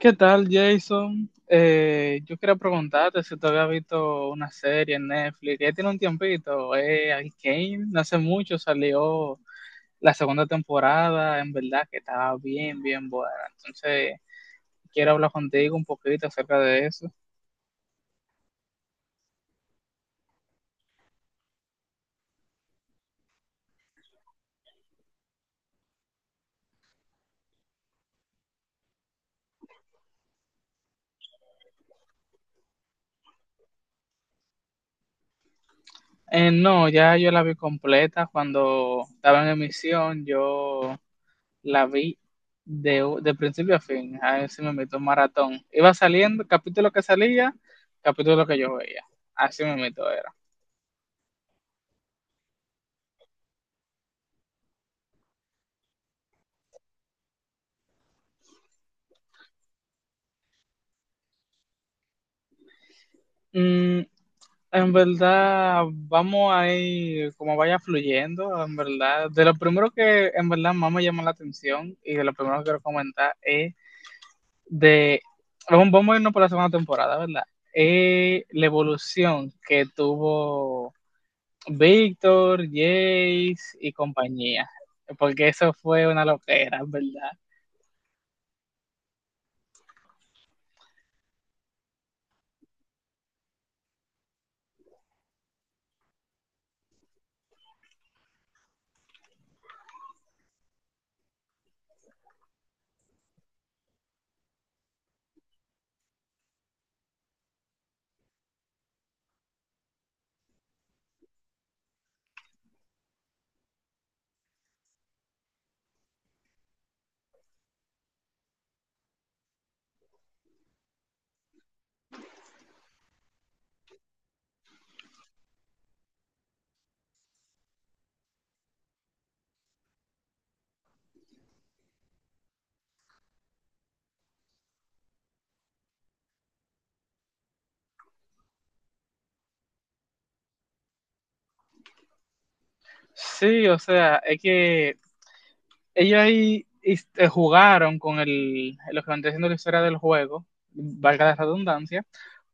¿Qué tal, Jason? Yo quería preguntarte si tú habías visto una serie en Netflix. Ya tiene un tiempito. Arcane, no hace mucho salió la segunda temporada. En verdad que estaba bien, bien buena. Entonces, quiero hablar contigo un poquito acerca de eso. No, ya yo la vi completa cuando estaba en emisión. Yo la vi de principio a fin. A ver si me meto un maratón. Iba saliendo, capítulo que salía, capítulo que yo veía. Así me meto era. Mm, en verdad, vamos a ir como vaya fluyendo, en verdad. De lo primero que en verdad más me llama la atención y de lo primero que quiero comentar es de, vamos a irnos por la segunda temporada, ¿verdad? Es la evolución que tuvo Víctor, Jace y compañía, porque eso fue una loquera, ¿verdad? Sí, o sea, es que ellos ahí este, jugaron con el, lo que van diciendo la historia del juego, valga la redundancia,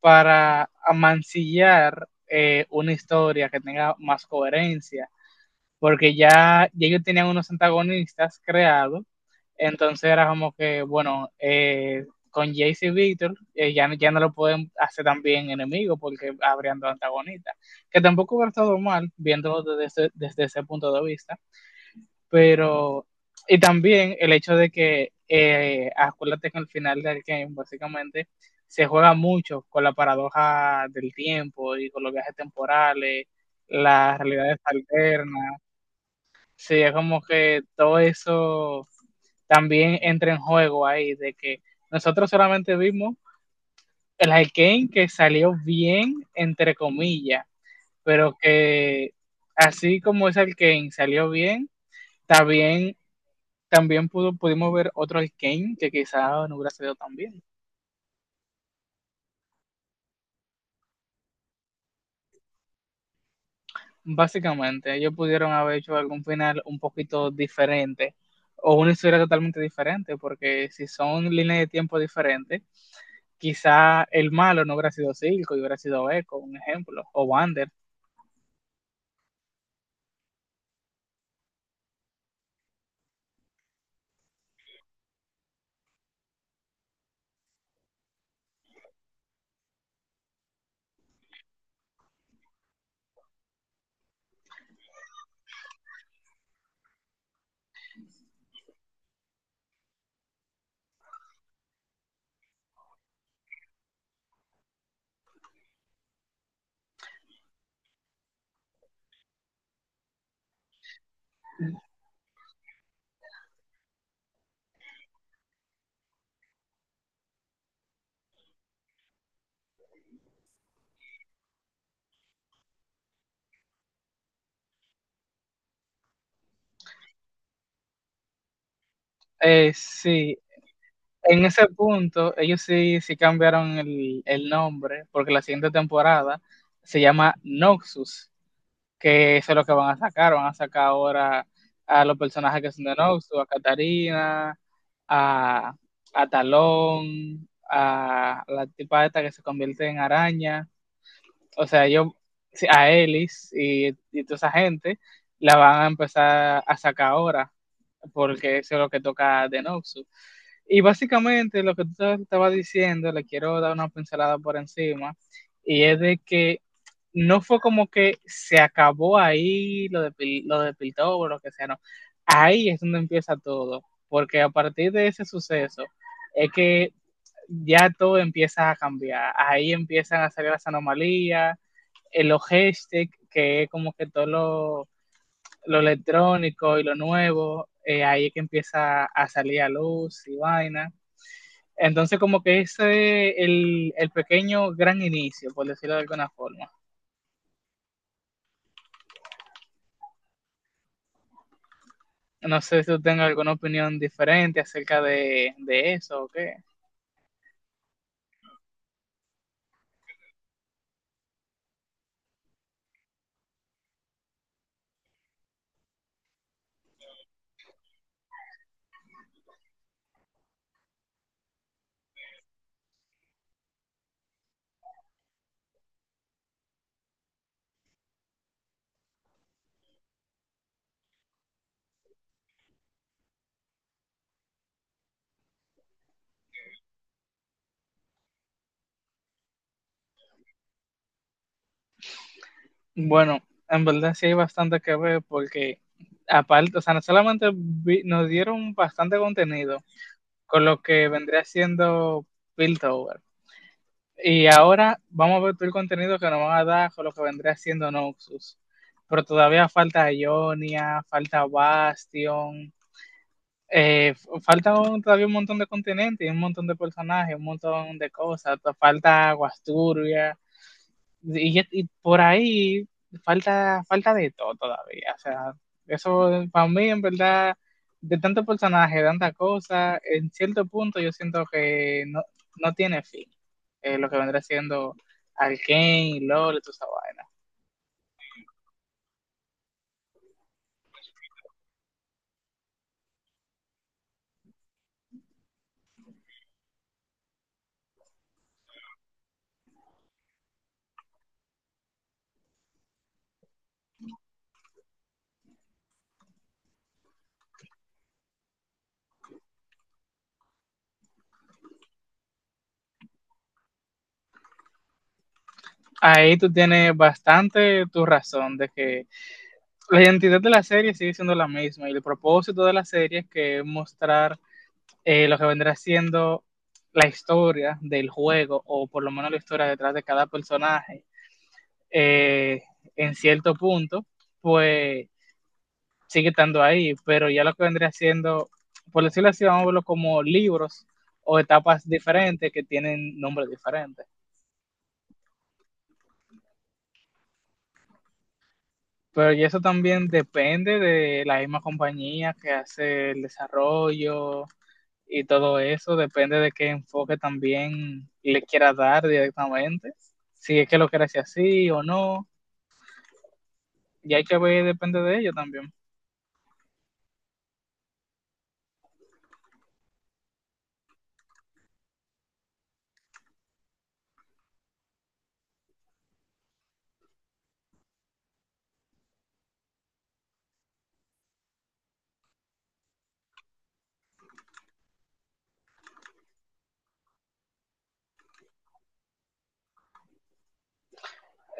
para amancillar una historia que tenga más coherencia porque ya ellos tenían unos antagonistas creados, entonces era como que, bueno, con Jace y Victor ya no lo pueden hacer tan bien enemigo porque habrían dos antagonistas, que tampoco hubiera estado mal viéndolo desde ese punto de vista, pero, y también el hecho de que, acuérdate que al final del game, básicamente, se juega mucho con la paradoja del tiempo y con los viajes temporales, las realidades alternas, sería como que todo eso también entra en juego ahí, de que nosotros solamente vimos el Arkane que salió bien, entre comillas, pero que así como ese Arkane salió bien, también, también pudimos ver otro Arkane que quizás no hubiera salido tan bien. Básicamente, ellos pudieron haber hecho algún final un poquito diferente o una historia totalmente diferente, porque si son líneas de tiempo diferentes, quizá el malo no hubiera sido Silco y hubiera sido Echo, un ejemplo, o Wander. Sí, en ese punto ellos sí cambiaron el nombre porque la siguiente temporada se llama Noxus, que eso es lo que van a sacar ahora a los personajes que son de Noxus, a Katarina, a, a Talón, a la tipa esta que se convierte en araña. O sea, ellos, sí, a Ellis y toda esa gente, la van a empezar a sacar ahora, porque eso es lo que toca de Noxus. Y básicamente lo que tú estabas diciendo, le quiero dar una pincelada por encima, y es de que no fue como que se acabó ahí lo lo de Piltover o lo que sea, no. Ahí es donde empieza todo, porque a partir de ese suceso es que ya todo empieza a cambiar. Ahí empiezan a salir las anomalías, en los hashtags, que es como que todo lo electrónico y lo nuevo, ahí es que empieza a salir a luz y vaina. Entonces, como que ese es el pequeño gran inicio, por decirlo de alguna forma. No sé si tú tengas alguna opinión diferente acerca de eso o qué. Bueno, en verdad sí hay bastante que ver porque aparte, o sea, no solamente nos dieron bastante contenido con lo que vendría siendo Piltover, y ahora vamos a ver todo el contenido que nos van a dar con lo que vendría haciendo Noxus. Pero todavía falta Ionia, falta Bastion, eh, todavía un montón de continentes, un montón de personajes, un montón de cosas. Falta Aguasturia, y por ahí falta de todo todavía. O sea, eso para mí, en verdad, de tanto personaje, de tanta cosa, en cierto punto yo siento que no, no tiene fin. Lo que vendrá siendo Arkane, LOL y toda esa vaina. Ahí tú tienes bastante tu razón de que la identidad de la serie sigue siendo la misma y el propósito de la serie es que mostrar lo que vendrá siendo la historia del juego, o por lo menos la historia detrás de cada personaje, eh, en cierto punto, pues sigue estando ahí, pero ya lo que vendría siendo, por decirlo así, vamos a verlo como libros o etapas diferentes que tienen nombres diferentes. Pero y eso también depende de la misma compañía que hace el desarrollo, y todo eso, depende de qué enfoque también le quiera dar directamente, si es que lo quiere hacer así o no, y hay que ver, depende de ello también.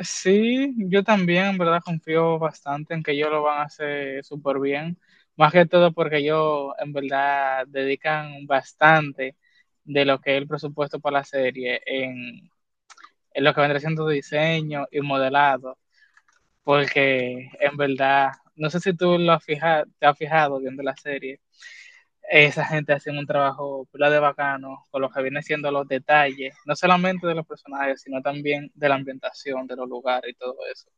Sí, yo también, en verdad, confío bastante en que ellos lo van a hacer súper bien, más que todo porque ellos, en verdad, dedican bastante de lo que es el presupuesto para la serie en lo que vendrá siendo diseño y modelado, porque en verdad, no sé si tú lo has fijado, te has fijado viendo la serie, esa gente hace un trabajo pila de bacano con lo que viene siendo los detalles, no solamente de los personajes, sino también de la ambientación, de los lugares y todo eso.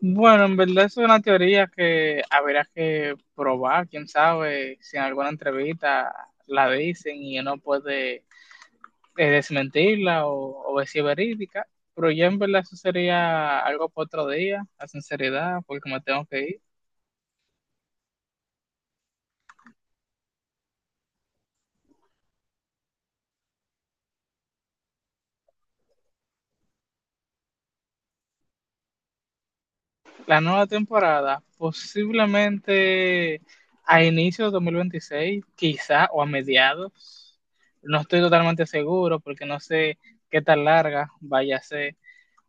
Bueno, en verdad es una teoría que habrá que probar, quién sabe, si en alguna entrevista la dicen y uno puede desmentirla o ver si es verídica, pero ya en verdad eso sería algo para otro día, la sinceridad, porque me tengo que ir. La nueva temporada, posiblemente a inicios de 2026, quizá, o a mediados. No estoy totalmente seguro porque no sé qué tan larga vaya a ser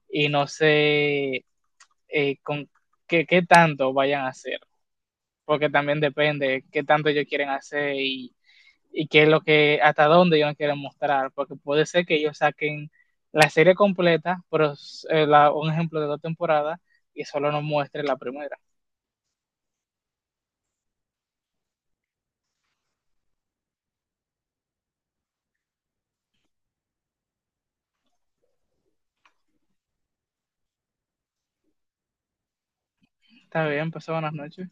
y no sé con qué, qué tanto vayan a hacer, porque también depende qué tanto ellos quieren hacer y qué es lo que, hasta dónde ellos quieren mostrar, porque puede ser que ellos saquen la serie completa, pero un ejemplo de dos temporadas y solo nos muestre la primera. Está bien, pasa buenas noches.